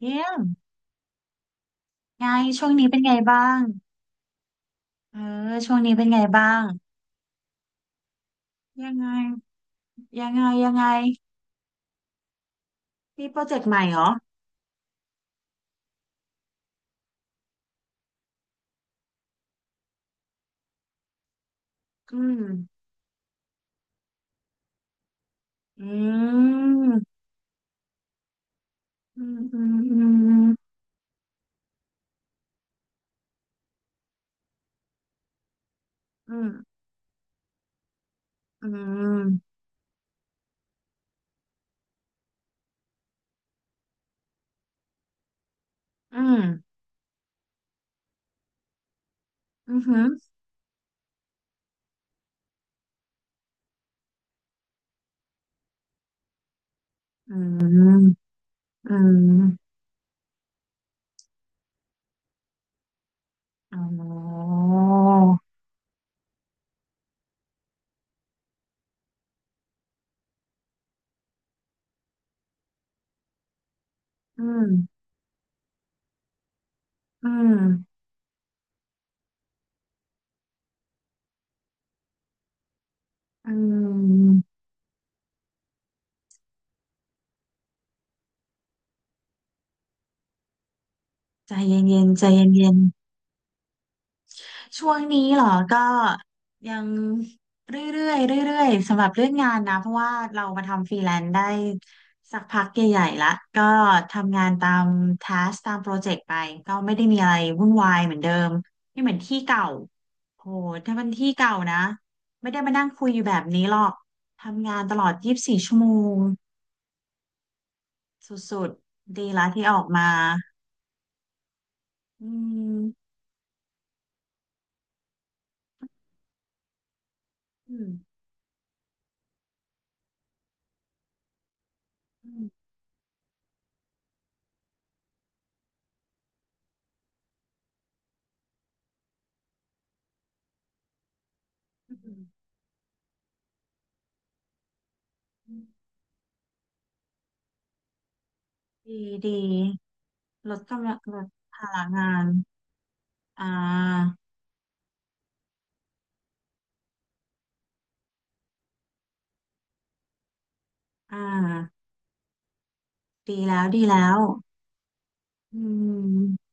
เยี่ยมไงช่วงนี้เป็นไงบ้างเออช่วงนี้เป็นไงบ้างยังไงยังไงยังไงมีโปรเจกต์ใหม่เหรออืมอืมอืมอืมอืมอืมอืมอืมอืมอืมอืมอืมอ๋ออืมอืมอืมใจเย็นๆใจเย็น ช่วงนี้เหรอก็ยังเรื่อยๆเรื่อยๆสำหรับเรื่องงานนะเพราะว่าเรามาทำฟรีแลนซ์ได้สักพักใหญ่ๆละก็ทำงานตามทัสตามโปรเจกต์ไปก็ไม่ได้มีอะไรวุ่นวายเหมือนเดิมไม่เหมือนที่เก่าโหถ้ามันที่เก่านะไม่ได้มานั่งคุยอยู่แบบนี้หรอกทำงานตลอด24 ชั่วโมงสุดๆดีละที่ออกมาอืมอืมอืมอืมดีดี ลดกำลังลดภาระงานอ่าอ่าดีแล้วดีแล้วอืม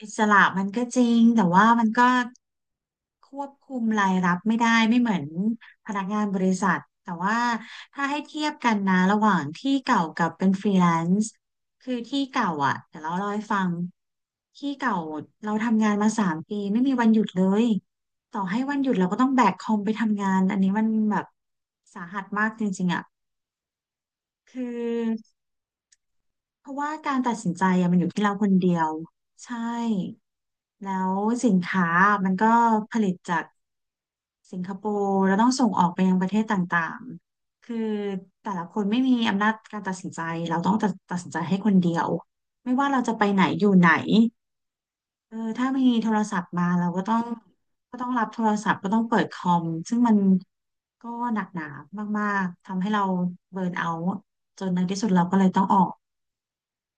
อิสระมันก็จริงแต่ว่ามันก็ควบคุมรายรับไม่ได้ไม่เหมือนพนักงานบริษัทแต่ว่าถ้าให้เทียบกันนะระหว่างที่เก่ากับเป็นฟรีแลนซ์คือที่เก่าอ่ะเดี๋ยวเราเล่าให้ฟังที่เก่าเราทำงานมา3 ปีไม่มีวันหยุดเลยต่อให้วันหยุดเราก็ต้องแบกคอมไปทำงานอันนี้มันแบบสาหัสมากจริงๆอ่ะ คือเพราะว่าการตัดสินใจอะมันอยู่ที่เราคนเดียวใช่แล้วสินค้ามันก็ผลิตจากสิงคโปร์แล้วต้องส่งออกไปยังประเทศต่างๆคือแต่ละคนไม่มีอำนาจการตัดสินใจเราต้องตัดสินใจให้คนเดียวไม่ว่าเราจะไปไหนอยู่ไหนเออถ้ามีโทรศัพท์มาเราก็ต้องก็ต้องรับโทรศัพท์ก็ต้องเปิดคอมซึ่งมันก็หนักหนามากๆทำให้เราเบิร์นเอาท์จนในที่สุดเราก็เลยต้องออก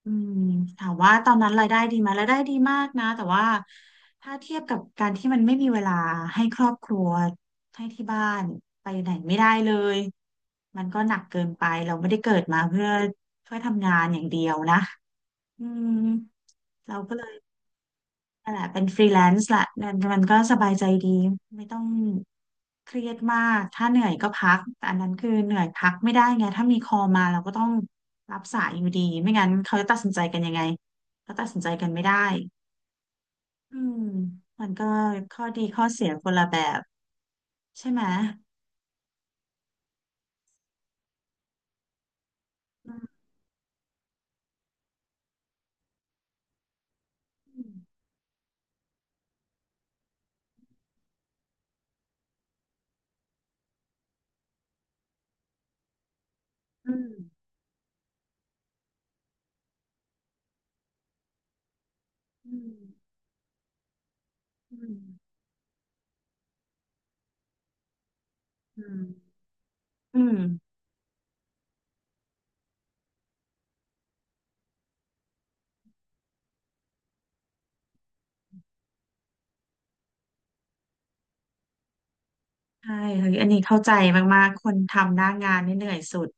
อืมถามว่าตอนนั้นรายได้ดีไหมรายได้ดีมากนะแต่ว่าถ้าเทียบกับการที่มันไม่มีเวลาให้ครอบครัวให้ที่บ้านไปไหนไม่ได้เลย มันก็หนักเกินไปเราไม่ได้เกิดมาเพื่อทำงานอย่างเดียวนะอืมเราก็เลย นั่นแหละเป็นฟรีแลนซ์ละนั่นมันก็สบายใจดีไม่ต้องเครียดมากถ้าเหนื่อยก็พักแต่อันนั้นคือเหนื่อยพักไม่ได้ไงถ้ามีคอลมาเราก็ต้องรับสายอยู่ดีไม่งั้นเขาจะตัดสินใจกันยังไงก็ตัดสินใจกันไม่ได้อืมมันก็ข้อดีข้อเสียคนละแบบใช่ไหมอืมอืมอืมอืมอืมอืมใช่เฮ้ยอันนี้เข้าใจมากๆคนทำหน้างานนี่เหนื่อยสุด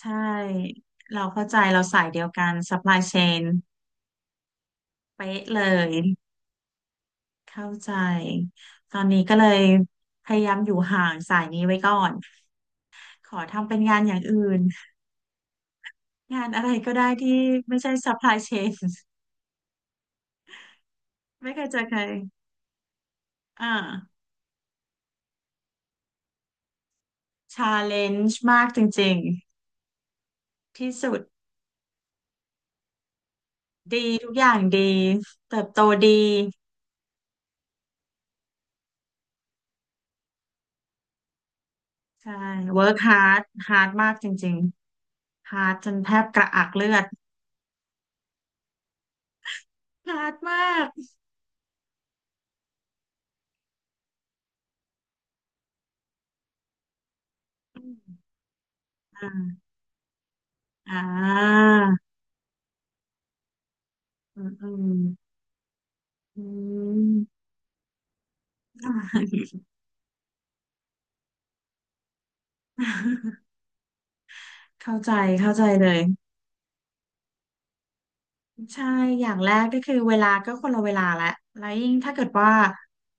ใช่เราเข้าใจเราสายเดียวกัน Supply Chain เป๊ะเลยเข้าใจตอนนี้ก็เลยพยายามอยู่ห่างสายนี้ไว้ก่อนขอทำเป็นงานอย่างอื่นงานอะไรก็ได้ที่ไม่ใช่ Supply Chain ไม่เคยเจอใครอ่า a l l e n g e มากจริงๆที่สุดดีทุกอย่างดีเติบโตดีใช่ work hard hard มากจริงๆ hard จนแทบกระอักเลือด hard มาก อ่าอ่าอืมอืมอืม อ่าเข้าใจเข้าใจเลยใช่อย่างแรกก็คือเวลาก็คนละเวลาและแล้วยิ่งถ้าเกิดว่า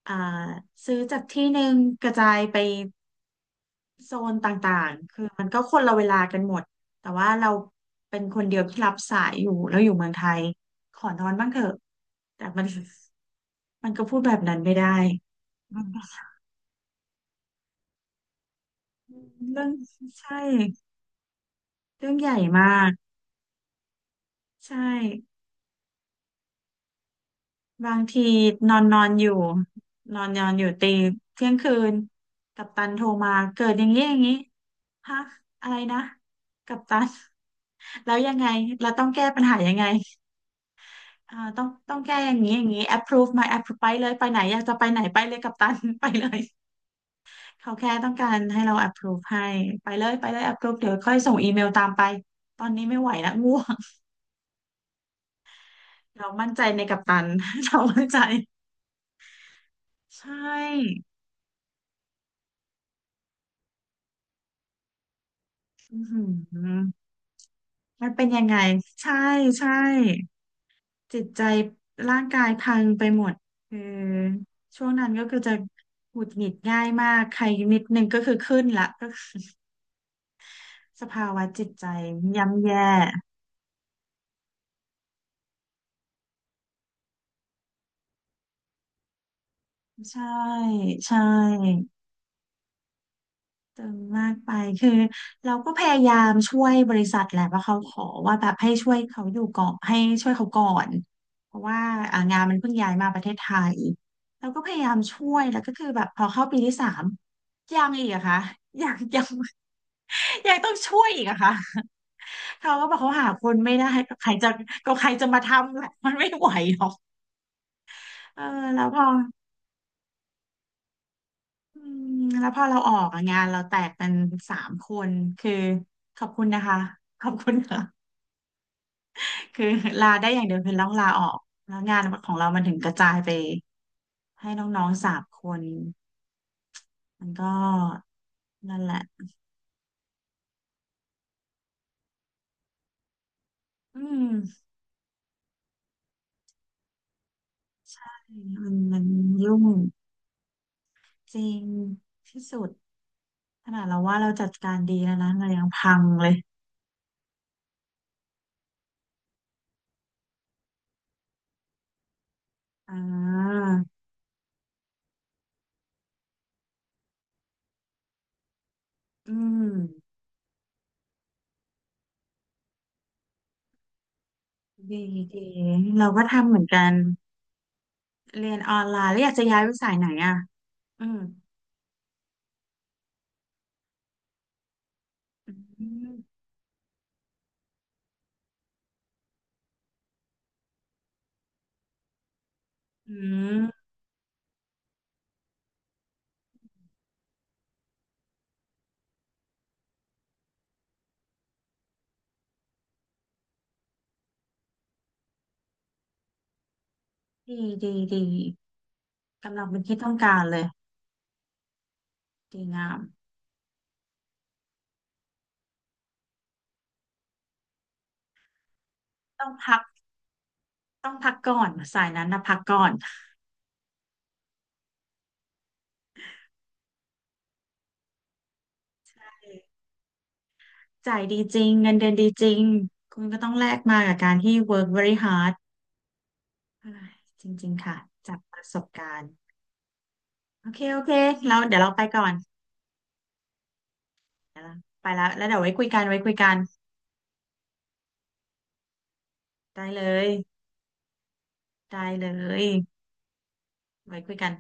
อ่าซื้อจากที่หนึ่งกระจายไปโซนต่างๆคือมันก็คนละเวลากันหมดแต่ว่าเราเป็นคนเดียวที่รับสายอยู่แล้วอยู่เมืองไทยขอนอนบ้างเถอะแต่มันก็พูดแบบนั้นไม่ได้ เรื่องใช่เรื่องใหญ่มาก ใช่บางทีนอนนอนอยู่นอนนอนอยู่ตีเที่ยงคืนกัปตันโทรมาเกิดอย่างนี้อย่างนี้ฮะอะไรนะกัปตัน แล้วยังไงเราต้องแก้ปัญหายังไงอ่าต้องแก้อย่างนี้อย่างนี้ approve มา approve ไปเลยไปไหนอยากจะไปไหนไปเลยกัปตัน ไปเลยเขาแค่ต้องการให้เรา approve ให้ไปเลยไปเลย approve เดี๋ยวค่อยส่งอีเมลตามไปตอนนี้ไม่ไหวแล้ว ง่วงเรามั่นใจในกัปตัน เรามั่นใจใช่อือหือ มันเป็นยังไงใช่ใช่จิตใจร่างกายพังไปหมดคือช่วงนั้นก็คือจะหงุดหงิดง่ายมากใครนิดนึงก็คือขึ้นละ ก็คือสภาวะจิตใจย่ำแย่ใช่ใช่ ตึงมากไปคือเราก็พยายามช่วยบริษัทแหละว่าเขาขอว่าแบบให้ช่วยเขาอยู่ก่อนให้ช่วยเขาก่อนเพราะว่าอ่างานมันเพิ่งย้ายมาประเทศไทยเราก็พยายามช่วยแล้วก็คือแบบพอเข้าปีที่ 3ยังอีกอะคะยังยังต้องช่วยอีกอะค่ะเขาก็บอกเขาหาคนไม่ได้ก็ใครจะมาทำแหละมันไม่ไหวหรอกเออแล้วพออืมแล้วพอเราออกอะงานเราแตกเป็นสามคนคือขอบคุณนะคะขอบคุณค่ะ คือลาได้อย่างเดียวคือต้องลาออกแล้วงานของเรามันถึงกระจายไปให้น้องๆสามคนมันก็นั่นแหละอืมมันยุ่งจริงที่สุดขนาดเราว่าเราจัดการดีแล้วนะเรายังพังเลยอ่าอืมดีดีเราก็ทำเหมือนกันเรียนออนไลน์แล้วอยากจะย้ายไปสายไหนอ่ะอืมอืมอืมดีดีดีกำลังเป็นที่ต้องการเลย ดีงามต้องพักต้องพักก่อนสายนั้นนะพักก่อนจ่ายดีจริงเงินเดือนดีจริงคุณก็ต้องแลกมากับการที่ work very hard อ่าจริงๆค่ะจากประสบการณ์โอเคโอเคเราเดี๋ยวเราไปก่อนเดี๋ยวเราไปแล้วแล้วเดี๋ยวไว้คุยกันไว้คุยกันได้เลยได้เลยไว้คุยกัน